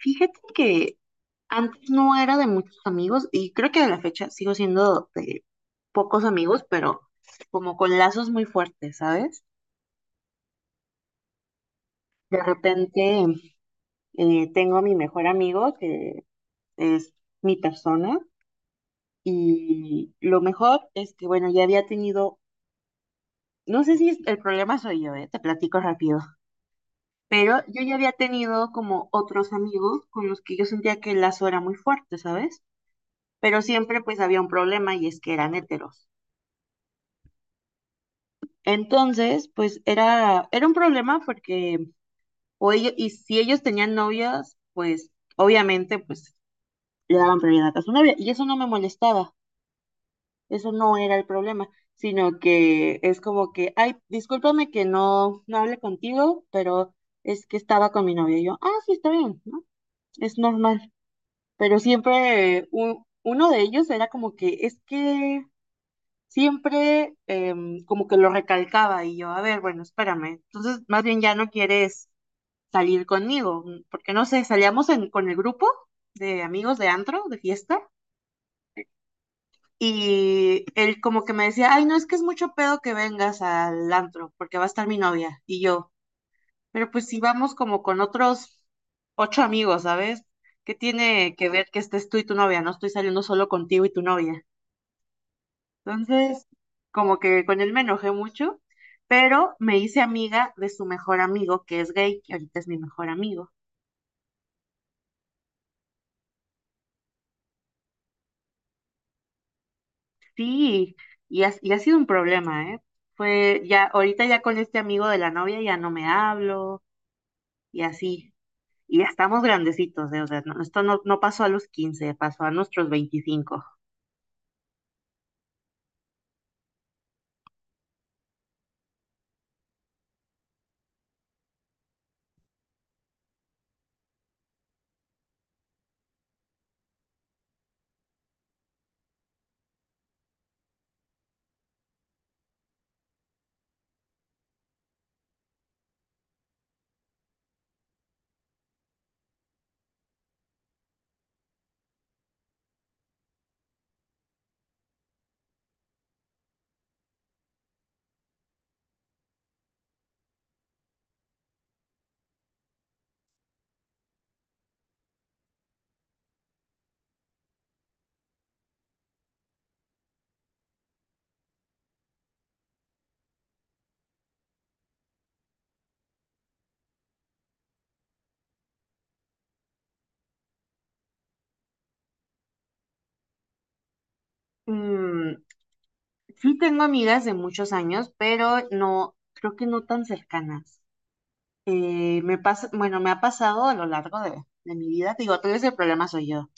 Fíjate que antes no era de muchos amigos y creo que a la fecha sigo siendo de pocos amigos, pero como con lazos muy fuertes, ¿sabes? De repente tengo a mi mejor amigo que es mi persona. Y lo mejor es que, bueno, ya había tenido, no sé si el problema soy yo, ¿eh? Te platico rápido, pero yo ya había tenido como otros amigos con los que yo sentía que el lazo era muy fuerte, ¿sabes? Pero siempre pues había un problema, y es que eran heteros. Entonces, pues era un problema porque o ellos, y si ellos tenían novias, pues obviamente pues le daban prioridad a su novia. Y eso no me molestaba, eso no era el problema, sino que es como que, ay, discúlpame que no hable contigo, pero es que estaba con mi novia. Y yo, ah, sí, está bien, ¿no? Es normal. Pero siempre uno de ellos era como que, es que siempre como que lo recalcaba, y yo, a ver, bueno, espérame. Entonces, más bien ya no quieres salir conmigo, mm, porque no sé, salíamos con el grupo de amigos de antro, de fiesta, y él como que me decía, ay, no, es que es mucho pedo que vengas al antro, porque va a estar mi novia. Y yo, pero pues si vamos como con otros ocho amigos, ¿sabes? ¿Qué tiene que ver que estés tú y tu novia? No estoy saliendo solo contigo y tu novia. Entonces, como que con él me enojé mucho, pero me hice amiga de su mejor amigo, que es gay, que ahorita es mi mejor amigo. Sí, y ha sido un problema, ¿eh? Fue ya, ahorita ya con este amigo de la novia ya no me hablo y así. Y ya estamos grandecitos, ¿eh? O sea, esto no pasó a los 15, pasó a nuestros 25. Mm, sí tengo amigas de muchos años, pero no, creo que no tan cercanas. Me pasa, bueno, me ha pasado a lo largo de, mi vida, te digo, todo ese problema soy yo,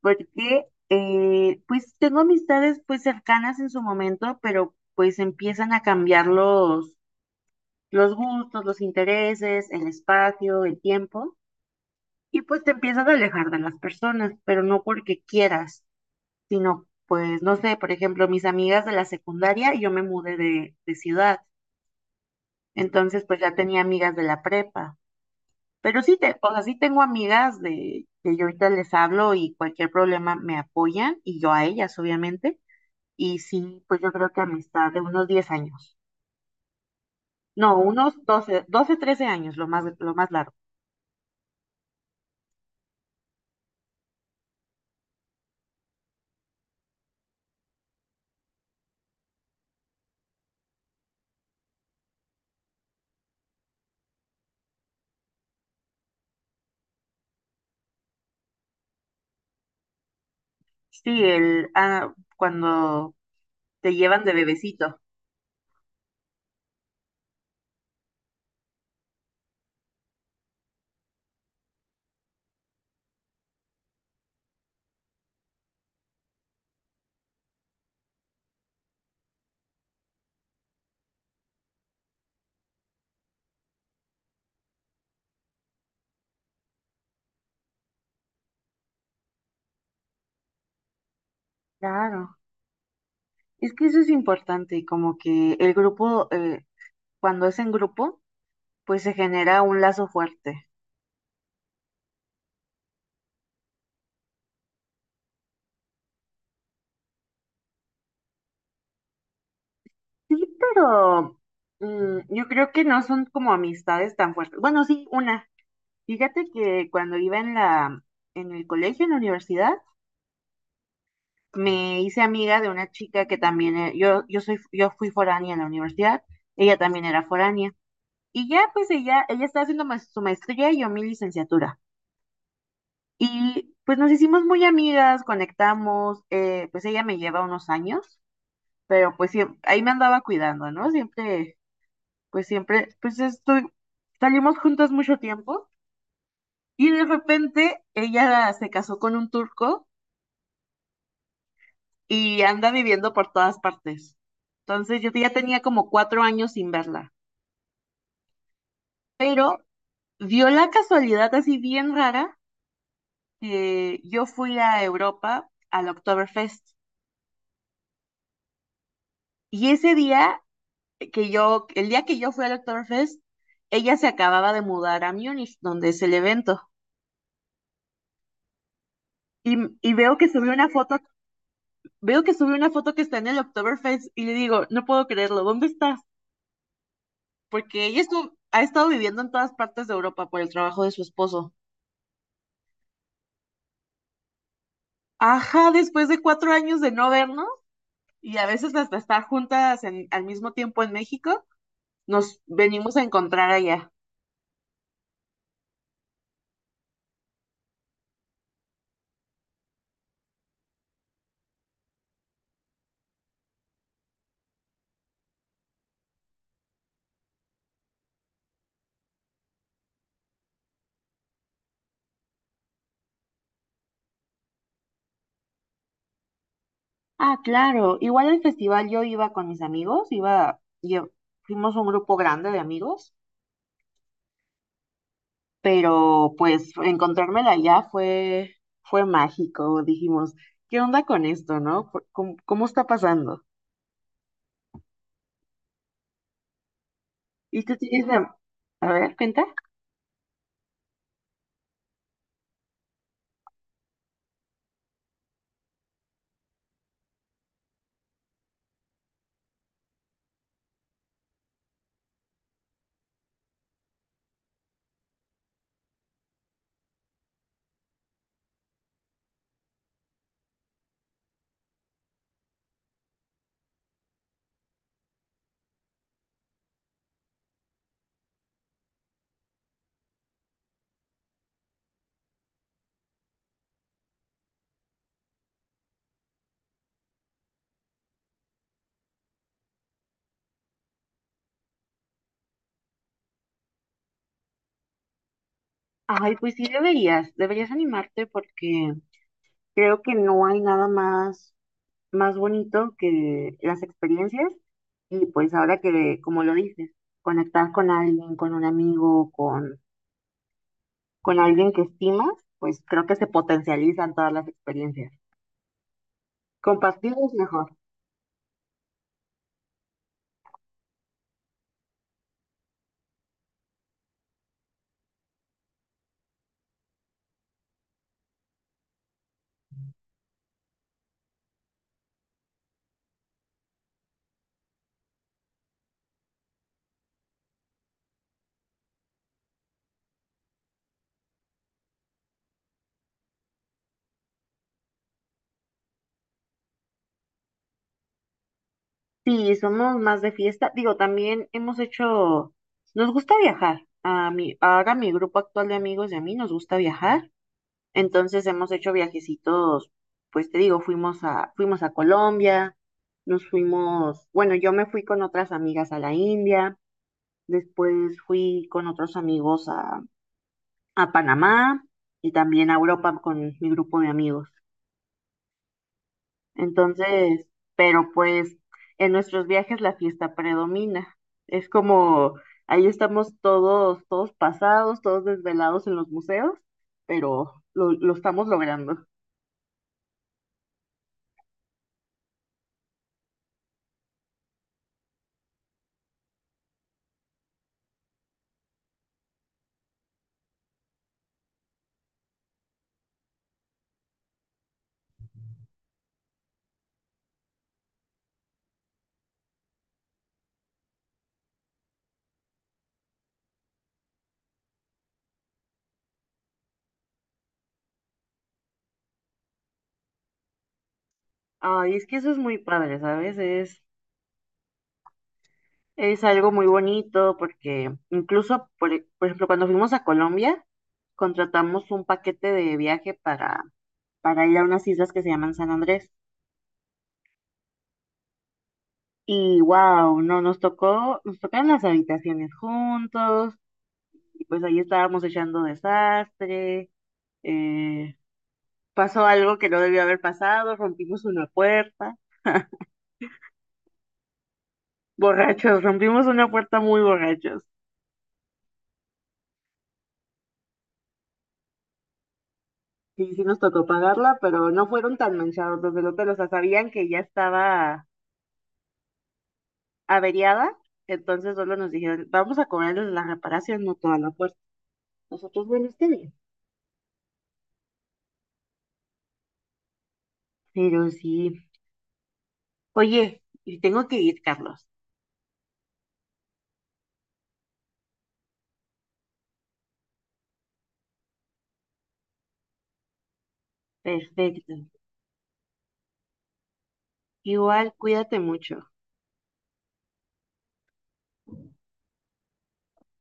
porque pues tengo amistades pues cercanas en su momento, pero pues empiezan a cambiar los gustos, los intereses, el espacio, el tiempo, y pues te empiezas a alejar de las personas, pero no porque quieras, sino pues, no sé, por ejemplo, mis amigas de la secundaria, yo me mudé de ciudad, entonces pues ya tenía amigas de la prepa. Pero sí, te, o sea, sí tengo amigas de que yo ahorita les hablo y cualquier problema me apoyan, y yo a ellas, obviamente. Y sí, pues yo creo que amistad de unos 10 años. No, unos doce, 13 años, lo más largo. Sí, el, ah, cuando te llevan de bebecito. Claro, es que eso es importante, como que el grupo, cuando es en grupo, pues se genera un lazo fuerte. Sí, pero mm, yo creo que no son como amistades tan fuertes. Bueno, sí, una. Fíjate que cuando iba en la, en el colegio, en la universidad, me hice amiga de una chica que también, yo fui foránea en la universidad, ella también era foránea. Y ya, pues ella está haciendo su maestría y yo mi licenciatura. Y pues nos hicimos muy amigas, conectamos, pues ella me lleva unos años, pero pues ahí me andaba cuidando, ¿no? Siempre, pues estoy, salimos juntas mucho tiempo. Y de repente ella se casó con un turco y anda viviendo por todas partes. Entonces yo ya tenía como 4 años sin verla, pero dio la casualidad así bien rara que yo fui a Europa al Oktoberfest, y ese día que yo, el día que yo fui al Oktoberfest, ella se acababa de mudar a Múnich, donde es el evento. Y veo que subió una foto, veo que subió una foto que está en el Oktoberfest, y le digo, no puedo creerlo, ¿dónde estás? Porque ella estuvo, ha estado viviendo en todas partes de Europa por el trabajo de su esposo. Ajá, después de 4 años de no vernos, y a veces hasta estar juntas al mismo tiempo en México, nos venimos a encontrar allá. Ah, claro. Igual el festival yo iba con mis amigos, iba, yo, fuimos un grupo grande de amigos, pero pues encontrármela allá fue, fue mágico. Dijimos, ¿qué onda con esto, no? ¿Cómo está pasando? Y tú tienes, a ver, cuenta. Ay, pues sí deberías, deberías animarte porque creo que no hay nada más, más bonito que las experiencias, y pues ahora que, como lo dices, conectar con alguien, con un amigo, con alguien que estimas, pues creo que se potencializan todas las experiencias. Compartir es mejor. Sí, somos más de fiesta. Digo, también hemos hecho, nos gusta viajar. A mí, ahora mi grupo actual de amigos y a mí nos gusta viajar. Entonces hemos hecho viajecitos, pues te digo, fuimos a Colombia, nos fuimos, bueno, yo me fui con otras amigas a la India, después fui con otros amigos a Panamá y también a Europa con mi grupo de amigos. Entonces, pero pues en nuestros viajes la fiesta predomina. Es como, ahí estamos todos, todos pasados, todos desvelados en los museos, pero lo, estamos logrando. Ay, es que eso es muy padre, ¿sabes? Es algo muy bonito porque incluso, por ejemplo, cuando fuimos a Colombia, contratamos un paquete de viaje para ir a unas islas que se llaman San Andrés. Y wow, no, nos tocó, nos tocaron las habitaciones juntos, y pues ahí estábamos echando desastre, eh, pasó algo que no debió haber pasado, rompimos una puerta, borrachos, rompimos una puerta muy borrachos. Sí, sí nos tocó pagarla, pero no fueron tan manchados los del hotel, o sea, sabían que ya estaba averiada, entonces solo nos dijeron, vamos a cobrarles la reparación, no toda la puerta. Nosotros, bueno, está bien. Pero sí. Oye, y tengo que ir, Carlos. Perfecto. Igual, cuídate mucho.